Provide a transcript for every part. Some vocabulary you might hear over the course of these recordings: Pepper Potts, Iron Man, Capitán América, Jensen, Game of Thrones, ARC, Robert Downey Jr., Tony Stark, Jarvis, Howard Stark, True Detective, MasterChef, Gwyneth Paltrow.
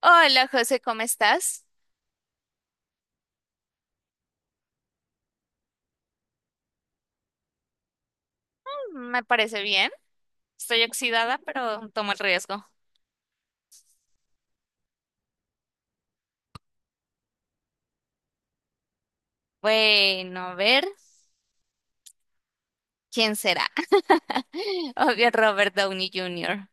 Hola José, ¿cómo estás? Me parece bien. Estoy oxidada, pero tomo el riesgo. Bueno, a ver, ¿quién será? Obvio, Robert Downey Jr.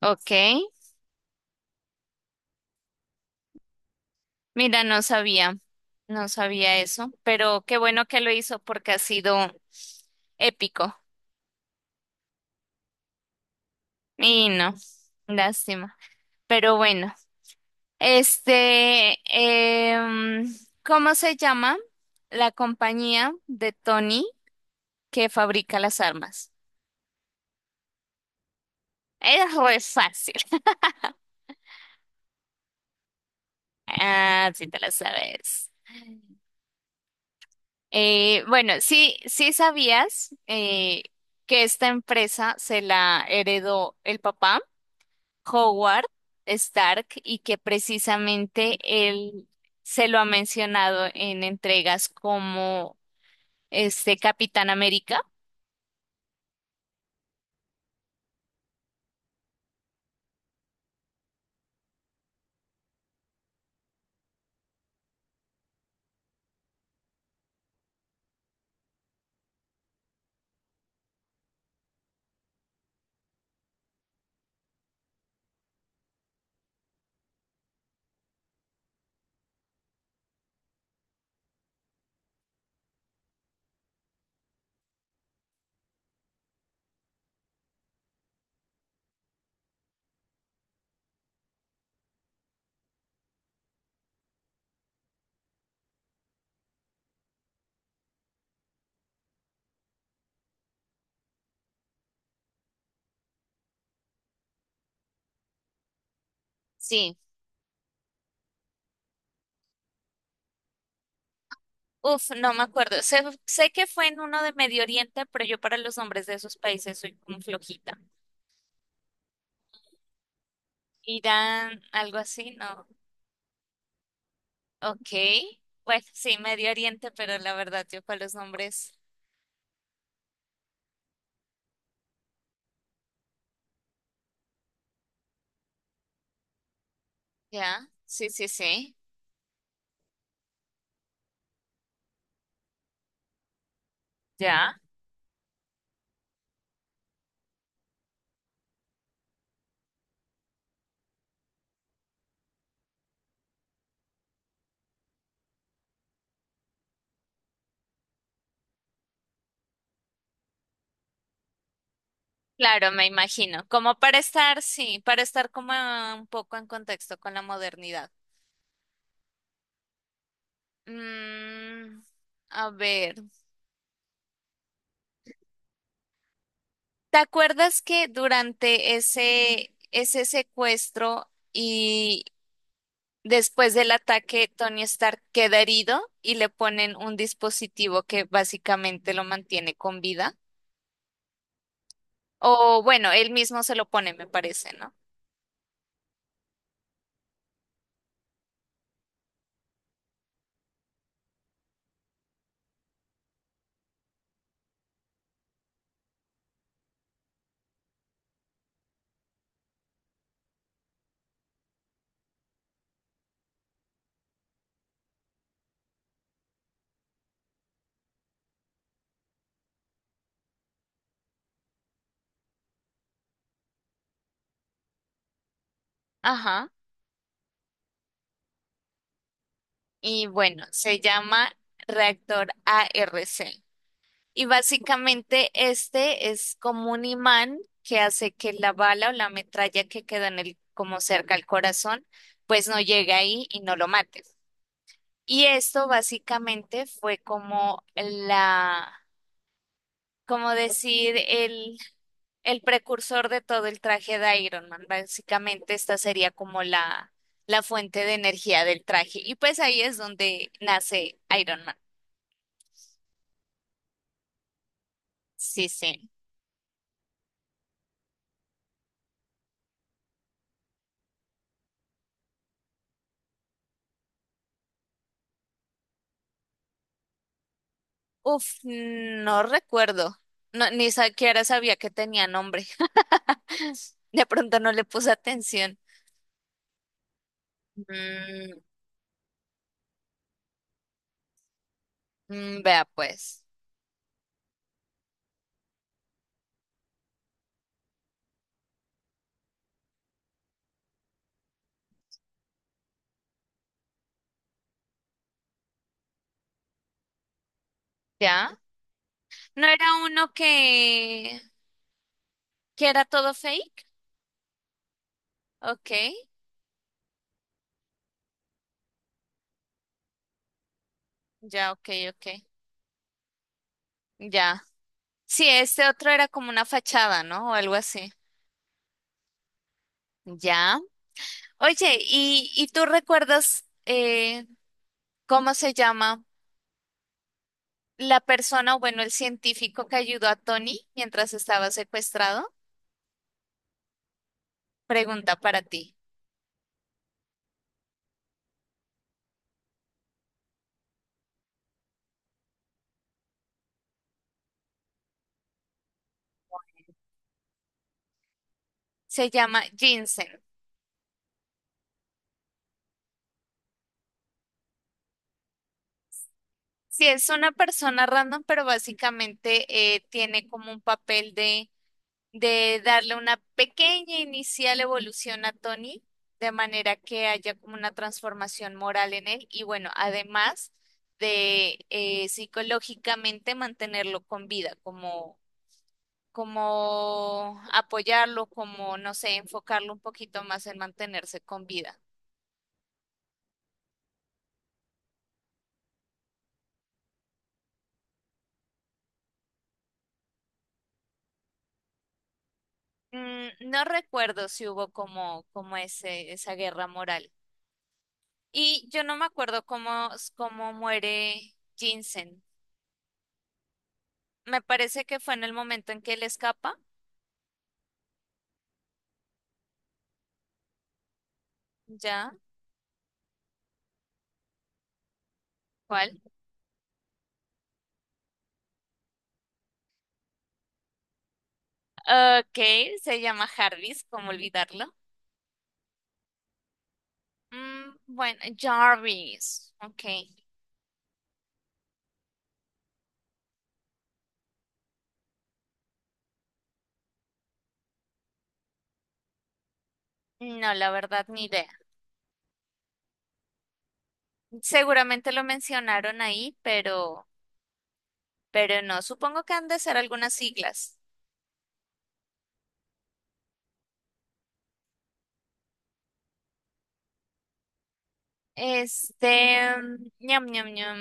Ok, mira, no sabía eso, pero qué bueno que lo hizo porque ha sido épico. Y no, lástima. Pero bueno, este, em, ¿cómo se llama la compañía de Tony que fabrica las armas? Es re fácil. Ah, sí te la sabes. Bueno, sí sabías que esta empresa se la heredó el papá, Howard Stark, y que precisamente él se lo ha mencionado en entregas como este Capitán América. Sí. Uf, no me acuerdo. Sé que fue en uno de Medio Oriente, pero yo para los nombres de esos países soy como flojita. Irán, algo así, no. Ok, bueno, sí, Medio Oriente, pero la verdad yo con los nombres. Ya, sí, sí, sí, ya. Claro, me imagino. Como para estar, sí, para estar como un poco en contexto con la modernidad. Mm, a ver, ¿te acuerdas que durante ese secuestro y después del ataque, Tony Stark queda herido y le ponen un dispositivo que básicamente lo mantiene con vida? O bueno, él mismo se lo pone, me parece, ¿no? Ajá. Y bueno, se llama reactor ARC. Y básicamente este es como un imán que hace que la bala o la metralla que queda en el, como cerca al corazón, pues no llegue ahí y no lo mate. Y esto básicamente fue como como decir, el precursor de todo el traje de Iron Man. Básicamente esta sería como la fuente de energía del traje. Y pues ahí es donde nace Iron Man. Sí, sí. Uf, no recuerdo. No, ni siquiera sabía que tenía nombre. De pronto no le puse atención. Mm, mm, vea pues. ¿Ya? ¿No era uno que era todo fake? Ok, ya, ok, ok. Ya. Sí, este otro era como una fachada, ¿no? O algo así. Ya. Oye, ¿y tú recuerdas cómo se llama la persona, o bueno, el científico que ayudó a Tony mientras estaba secuestrado? Pregunta para ti. Se llama Jensen. Sí, es una persona random, pero básicamente tiene como un papel de darle una pequeña inicial evolución a Tony, de manera que haya como una transformación moral en él y bueno, además de psicológicamente mantenerlo con vida, como, como apoyarlo, como, no sé, enfocarlo un poquito más en mantenerse con vida. Mm, no recuerdo si hubo como, como esa guerra moral. Y yo no me acuerdo cómo muere Jensen. Me parece que fue en el momento en que él escapa. ¿Ya? ¿Cuál? Ok, se llama Jarvis, ¿cómo olvidarlo? Mm, bueno, Jarvis. Ok. No, la verdad, ni idea. Seguramente lo mencionaron ahí, pero no. Supongo que han de ser algunas siglas. Este, ñam, ñam, ñam.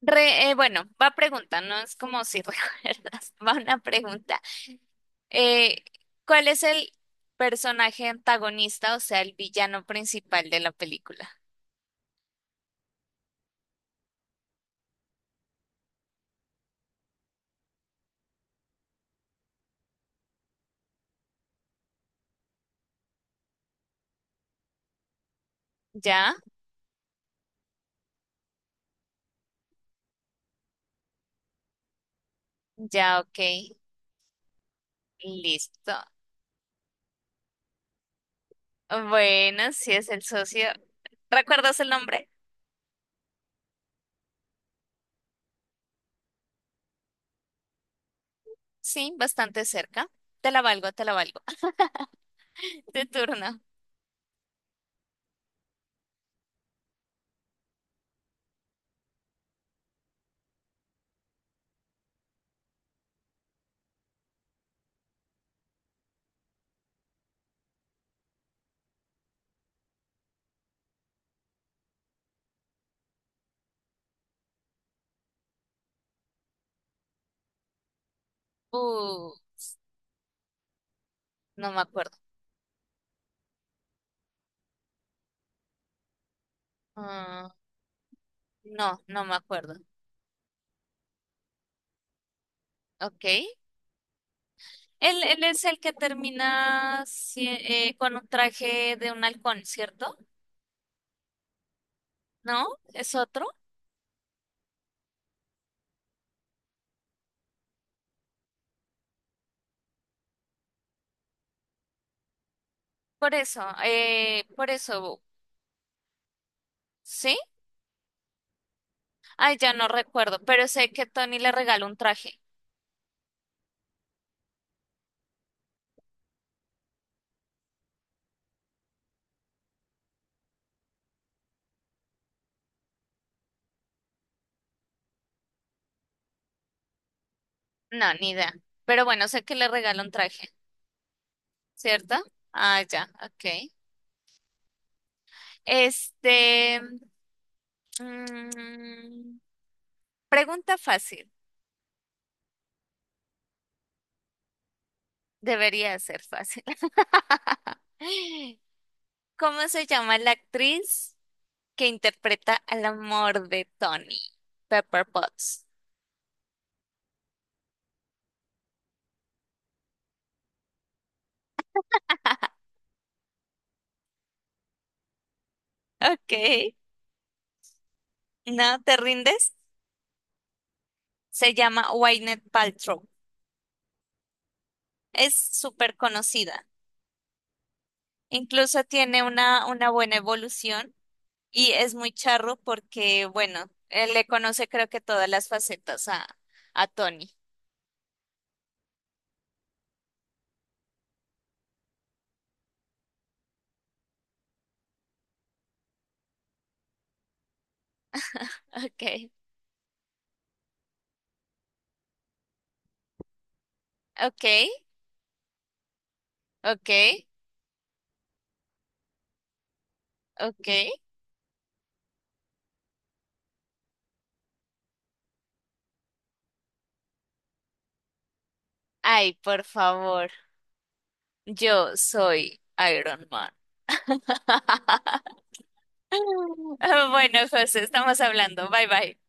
Bueno, va a preguntar. No es como si recuerdas, va una pregunta. Eh, ¿Cuál es el personaje antagonista, o sea, el villano principal de la película? ¿Ya? Ya, ok. Listo. Bueno, sí es el socio. ¿Recuerdas el nombre? Sí, bastante cerca. Te la valgo, te la valgo. Tu turno. Uh, no me acuerdo. Ah, no, no me acuerdo. Ok. Él es el que termina con un traje de un halcón, ¿cierto? ¿No? ¿Es otro? Por eso, ¿sí? Ay, ya no recuerdo, pero sé que Tony le regala un traje. No, ni idea. Pero bueno, sé que le regala un traje, ¿cierto? Ah, ya, ok. Este, mm, Pregunta fácil, debería ser fácil. ¿Cómo se llama la actriz que interpreta al amor de Tony, Pepper Potts? Ok, ¿no te rindes? Se llama Gwyneth Paltrow. Es súper conocida. Incluso tiene una buena evolución y es muy charro porque, bueno, él le conoce creo que todas las facetas a Tony. Ok, ok, ok, ok. Ay, por favor, yo soy Iron Man. Bueno, José, estamos hablando. Bye bye.